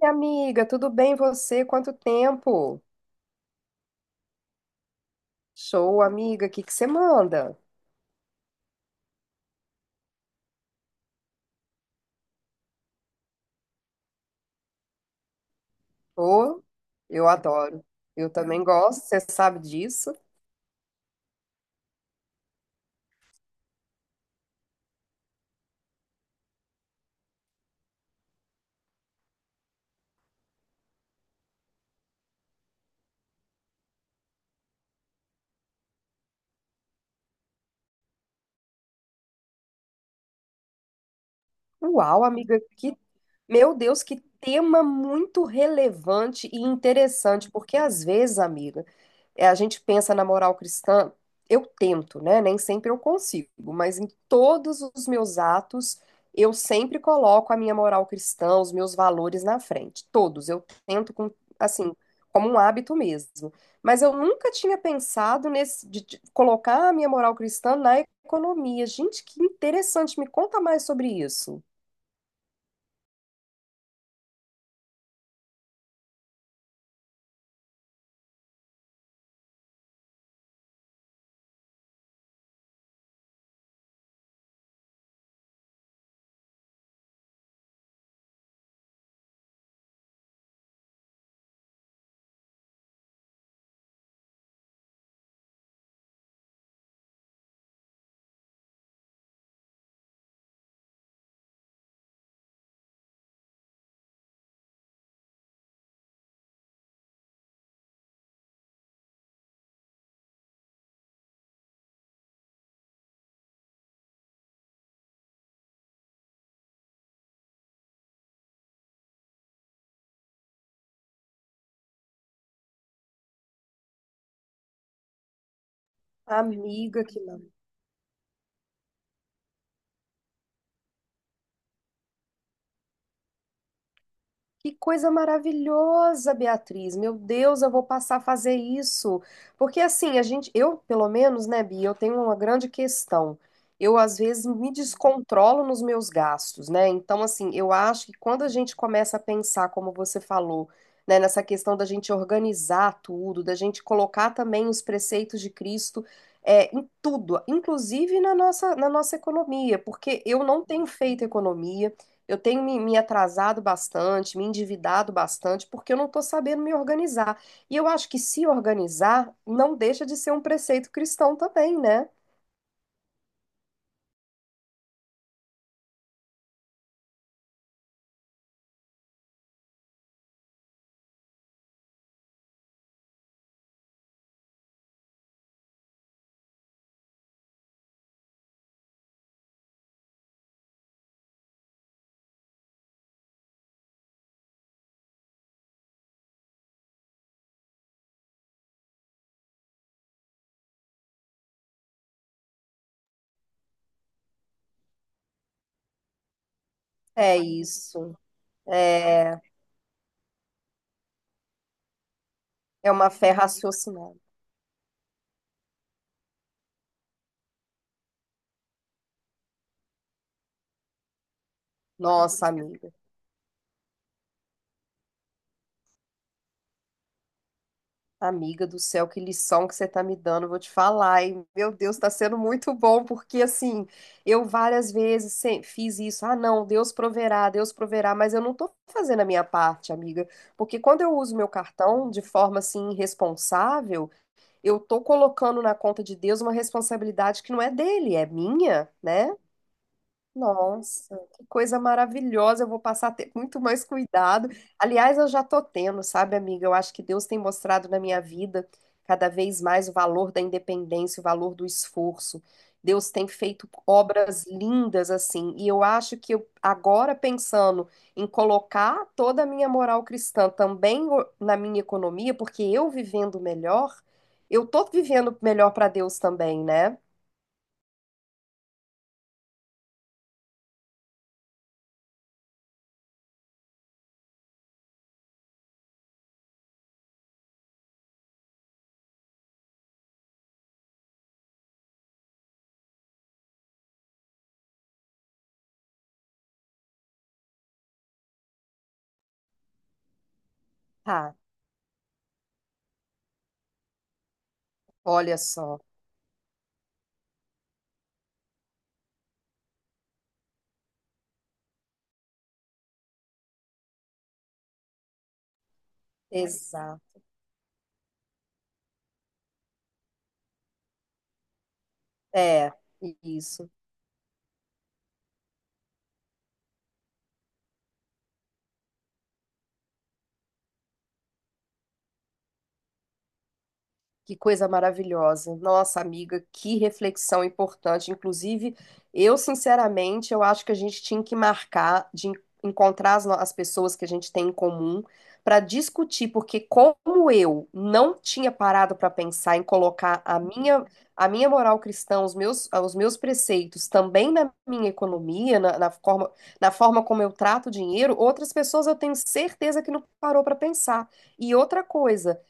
E amiga, tudo bem você? Quanto tempo? Show, amiga, o que que você manda? Ô, eu adoro. Eu também gosto, você sabe disso. Uau, amiga, que Meu Deus, que tema muito relevante e interessante, porque às vezes, amiga, é, a gente pensa na moral cristã, eu tento, né? Nem sempre eu consigo, mas em todos os meus atos, eu sempre coloco a minha moral cristã, os meus valores na frente. Todos, eu tento com, assim, como um hábito mesmo. Mas eu nunca tinha pensado nesse de colocar a minha moral cristã na economia. Gente, que interessante, me conta mais sobre isso. Amiga, que coisa maravilhosa, Beatriz. Meu Deus, eu vou passar a fazer isso. Porque assim, a gente, eu, pelo menos, né, Bia, eu tenho uma grande questão. Eu às vezes me descontrolo nos meus gastos, né? Então, assim, eu acho que quando a gente começa a pensar, como você falou, né, nessa questão da gente organizar tudo, da gente colocar também os preceitos de Cristo, é, em tudo, inclusive na nossa economia, porque eu não tenho feito economia. Eu tenho me atrasado bastante, me endividado bastante, porque eu não estou sabendo me organizar. E eu acho que se organizar não deixa de ser um preceito cristão também, né? É isso. É, é uma fé raciocinada. Nossa, amiga. Amiga do céu, que lição que você tá me dando, eu vou te falar, hein? Meu Deus, tá sendo muito bom, porque assim, eu várias vezes fiz isso. Ah, não, Deus proverá, mas eu não tô fazendo a minha parte, amiga, porque quando eu uso meu cartão de forma assim irresponsável, eu tô colocando na conta de Deus uma responsabilidade que não é dele, é minha, né? Nossa, que coisa maravilhosa. Eu vou passar a ter muito mais cuidado. Aliás, eu já tô tendo, sabe, amiga? Eu acho que Deus tem mostrado na minha vida cada vez mais o valor da independência, o valor do esforço. Deus tem feito obras lindas assim, e eu acho que eu, agora pensando em colocar toda a minha moral cristã também na minha economia, porque eu vivendo melhor, eu tô vivendo melhor para Deus também, né? Tá, olha só. Exato. É, isso. Que coisa maravilhosa. Nossa, amiga, que reflexão importante. Inclusive, eu, sinceramente, eu acho que a gente tinha que marcar de encontrar as, no- as pessoas que a gente tem em comum para discutir, porque como eu não tinha parado para pensar em colocar a minha moral cristã, os meus, ah, os meus preceitos também na minha economia, na forma como eu trato o dinheiro, outras pessoas eu tenho certeza que não parou para pensar. E outra coisa.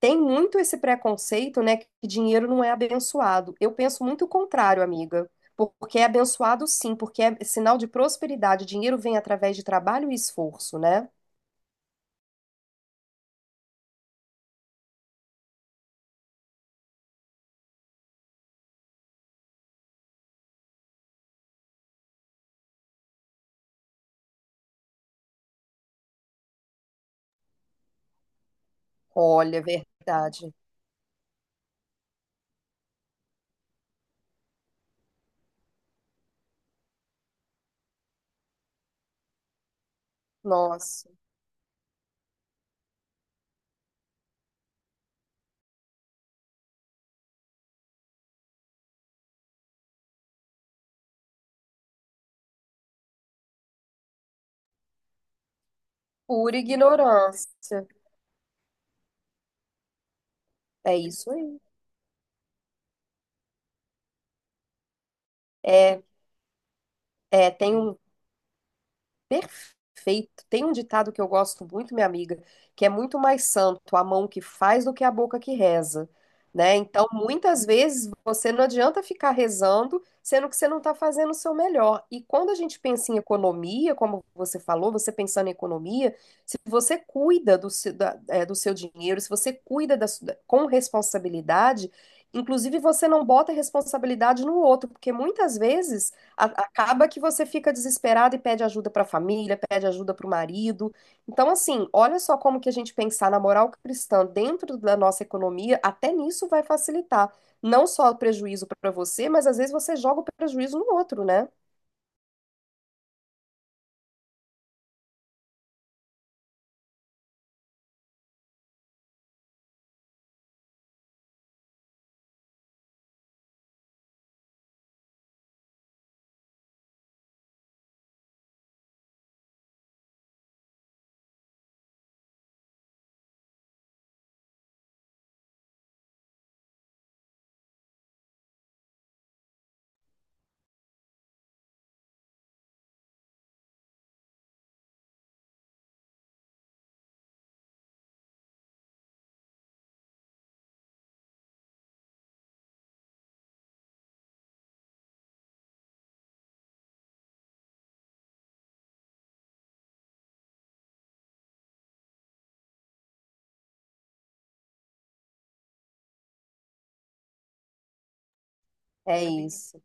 Tem muito esse preconceito, né, que dinheiro não é abençoado. Eu penso muito o contrário, amiga. Porque é abençoado sim, porque é sinal de prosperidade. Dinheiro vem através de trabalho e esforço, né? Olha, é verdade. Nossa, pura ignorância. É isso aí. É, é, tem um Perfeito. Tem um ditado que eu gosto muito, minha amiga, que é muito mais santo a mão que faz do que a boca que reza, né? Então, muitas vezes você não adianta ficar rezando, sendo que você não está fazendo o seu melhor. E quando a gente pensa em economia, como você falou, você pensando em economia, se você cuida do seu, do seu dinheiro, se você cuida da su- com responsabilidade, inclusive você não bota a responsabilidade no outro, porque muitas vezes acaba que você fica desesperado e pede ajuda para a família, pede ajuda para o marido. Então, assim, olha só como que a gente pensar na moral cristã dentro da nossa economia, até nisso vai facilitar. Não só o prejuízo para você, mas às vezes você joga o prejuízo no outro, né? É isso.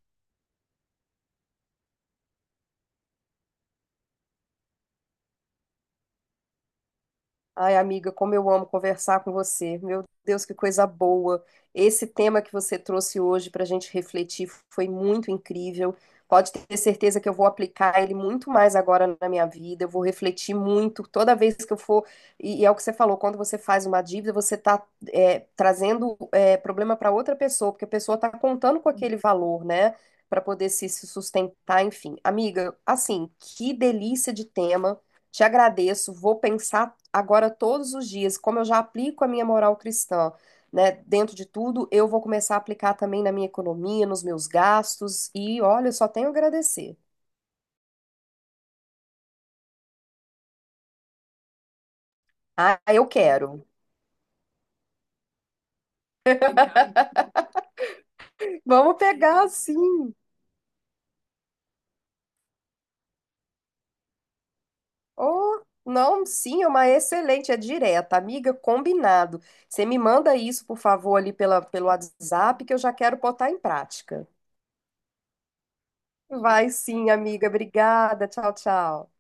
Ai, amiga, como eu amo conversar com você. Meu Deus, que coisa boa. Esse tema que você trouxe hoje para a gente refletir foi muito incrível. Pode ter certeza que eu vou aplicar ele muito mais agora na minha vida. Eu vou refletir muito toda vez que eu for. E é o que você falou: quando você faz uma dívida, você está trazendo é, problema para outra pessoa, porque a pessoa está contando com aquele valor, né? Para poder se sustentar, enfim. Amiga, assim, que delícia de tema. Te agradeço, vou pensar agora todos os dias, como eu já aplico a minha moral cristã, né? Dentro de tudo, eu vou começar a aplicar também na minha economia, nos meus gastos, e olha, eu só tenho a agradecer. Ah, eu quero. Vamos pegar sim. Oh, não, sim, é uma excelente, é direta, amiga, combinado. Você me manda isso, por favor, pelo WhatsApp, que eu já quero botar em prática. Vai sim, amiga, obrigada. Tchau, tchau.